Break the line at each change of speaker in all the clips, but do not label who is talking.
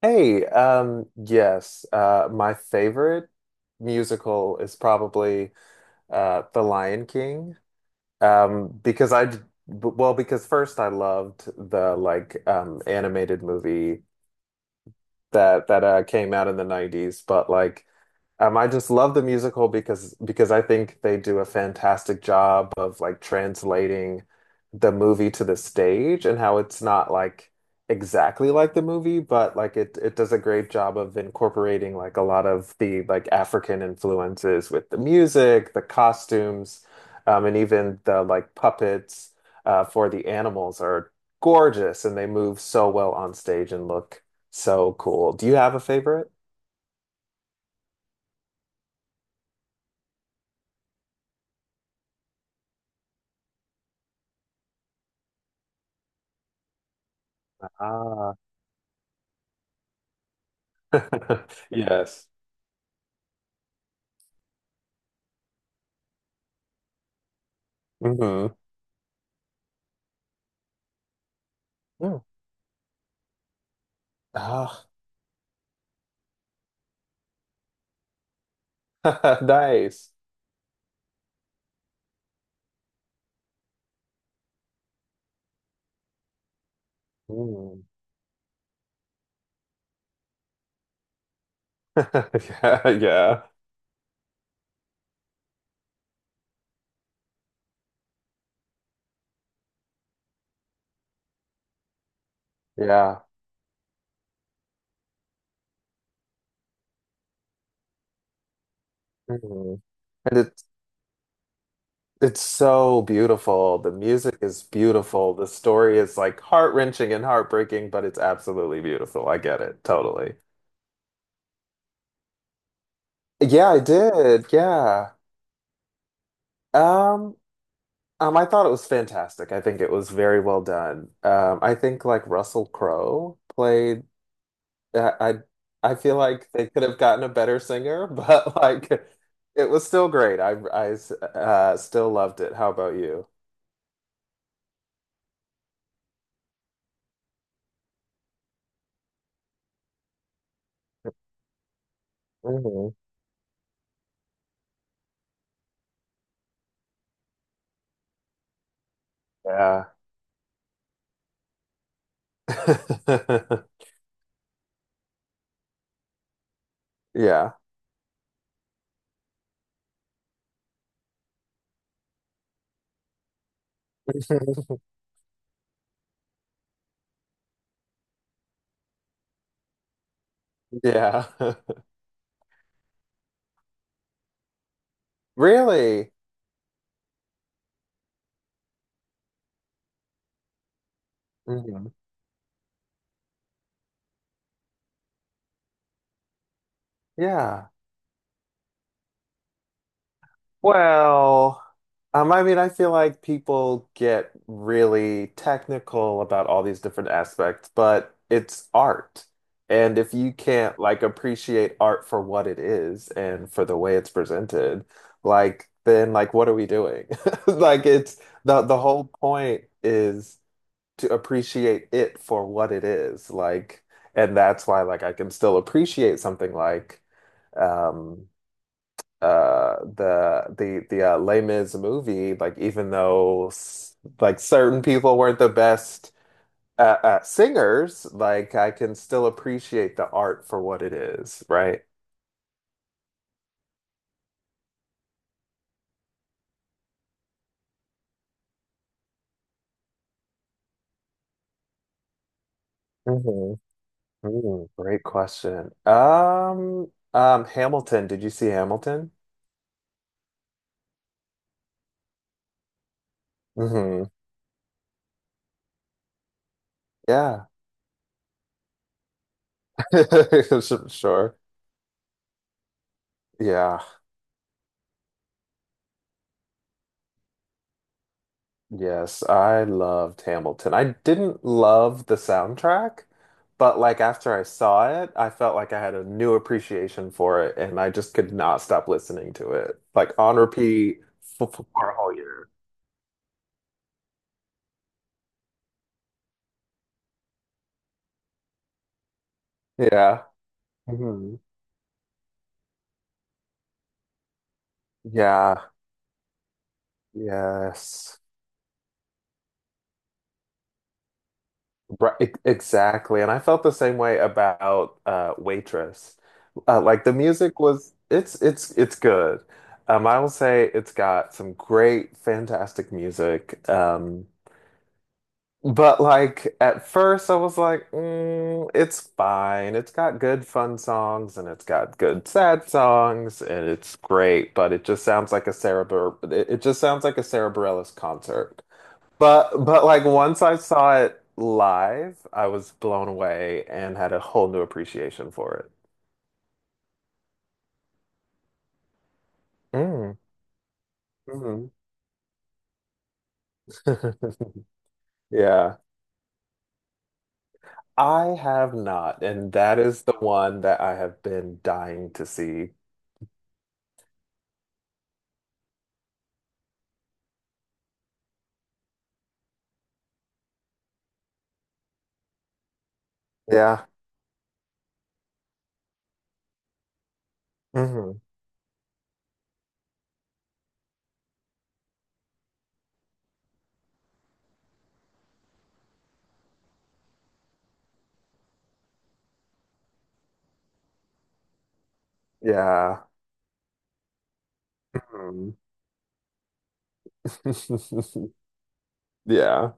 Hey, yes, my favorite musical is probably The Lion King, um, because I, b- because first I loved the like animated movie that came out in the '90s, but I just love the musical because I think they do a fantastic job of like translating the movie to the stage and how it's not like exactly like the movie, but like it does a great job of incorporating like a lot of the like African influences with the music, the costumes, and even the like puppets for the animals are gorgeous and they move so well on stage and look so cool. Do you have a favorite? Ah. Yes. Hmm. Yeah. Ah, nice. Mm. Yeah, yeah, yeah. Mhm. And it's so beautiful. The music is beautiful. The story is like heart-wrenching and heartbreaking, but it's absolutely beautiful. I get it totally. Yeah, I did. Yeah. Um, I thought it was fantastic. I think it was very well done. I think like Russell Crowe played I I I feel like they could have gotten a better singer, but like it was still great. I still loved it. How about you? Hmm. Yeah. Yeah. Yeah. Really? Mhm. Yeah. Well, I mean, I feel like people get really technical about all these different aspects, but it's art. And if you can't like appreciate art for what it is and for the way it's presented, like then like what are we doing? Like it's the whole point is to appreciate it for what it is. Like and that's why like I can still appreciate something like um the Les Mis movie like even though like certain people weren't the best singers like I can still appreciate the art for what it is, right? Mhm. Mm, great question. Hamilton, did you see Hamilton? Hmm. Yeah. Sure, sure. Yeah. Yes, I loved Hamilton. I didn't love the soundtrack, but like after I saw it, I felt like I had a new appreciation for it and I just could not stop listening to it. Like on repeat for a whole year. Yeah. Mhm. Yeah. Yes. Right, exactly. And I felt the same way about Waitress. Uh, like the music was it's good. Um, I will say it's got some great fantastic music. Um, but like at first I was like, mm, it's fine. It's got good fun songs and it's got good sad songs and it's great, but it just sounds like a Sarah Bar it, just sounds like a Sarah Bareilles concert. But like once I saw it live, I was blown away and had a whole new appreciation for it. Mm. Mhm. Yeah. I have not, and that is the one that I have been dying to see. Yeah. Hmm. Yeah. Mhm. Yeah.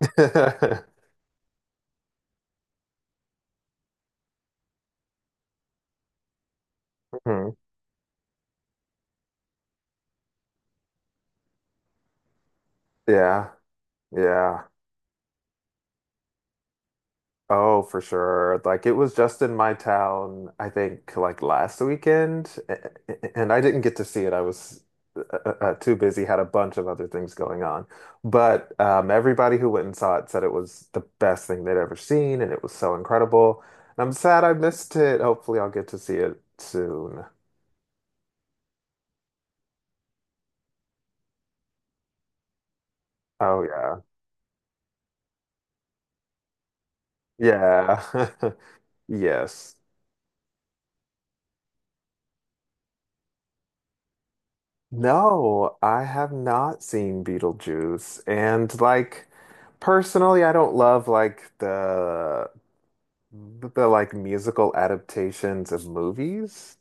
Mhm. Yeah. Yeah. Oh, for sure. Like it was just in my town, I think, like last weekend, and I didn't get to see it. I was uh, too busy, had a bunch of other things going on. But everybody who went and saw it said it was the best thing they'd ever seen, and it was so incredible. And I'm sad I missed it. Hopefully, I'll get to see it soon. Oh yeah. Yeah. Yes. No, I have not seen Beetlejuice. And like personally, I don't love like the like musical adaptations of movies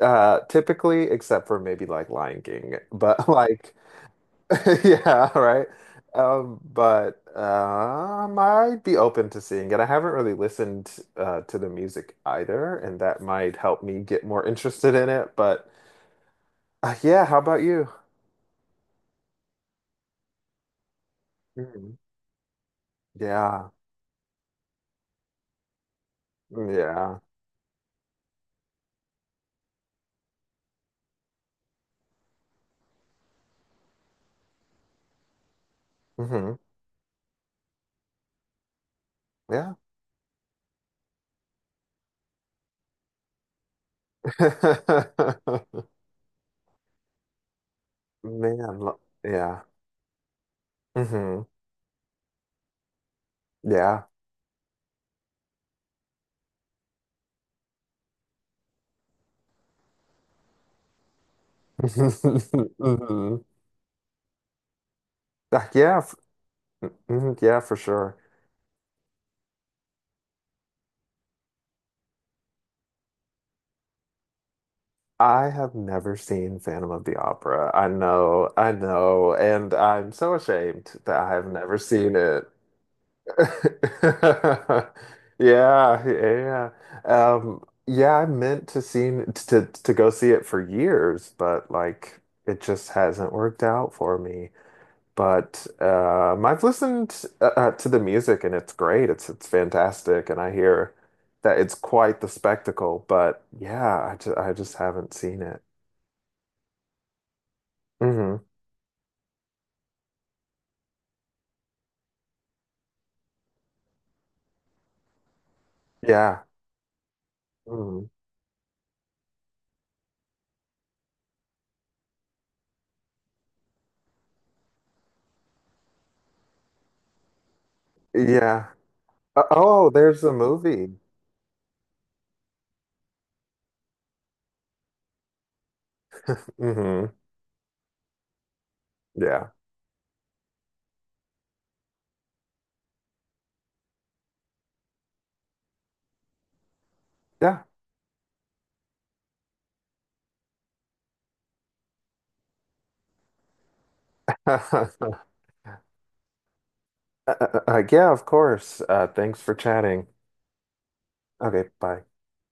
typically except for maybe like Lion King. But like yeah, right. Um, but I might be open to seeing it. I haven't really listened to the music either, and that might help me get more interested in it, but yeah, how about you? Mhm. Yeah. Yeah. Hmm. Yeah. Man, yeah. Hmm. Yeah. Hmm. Yeah, f mhm, yeah, for sure. I have never seen Phantom of the Opera. I know, and I'm so ashamed that I have never seen it. Yeah, yeah. Yeah, I meant to go see it for years, but like it just hasn't worked out for me. But I've listened to the music and it's great. It's fantastic, and I hear that it's quite the spectacle. But yeah, I just haven't seen it. Hmm. Yeah. Hmm. Yeah. Oh, there's a movie. Hmm. Yeah. Yeah. Yeah, of course. Thanks for chatting. Okay, bye.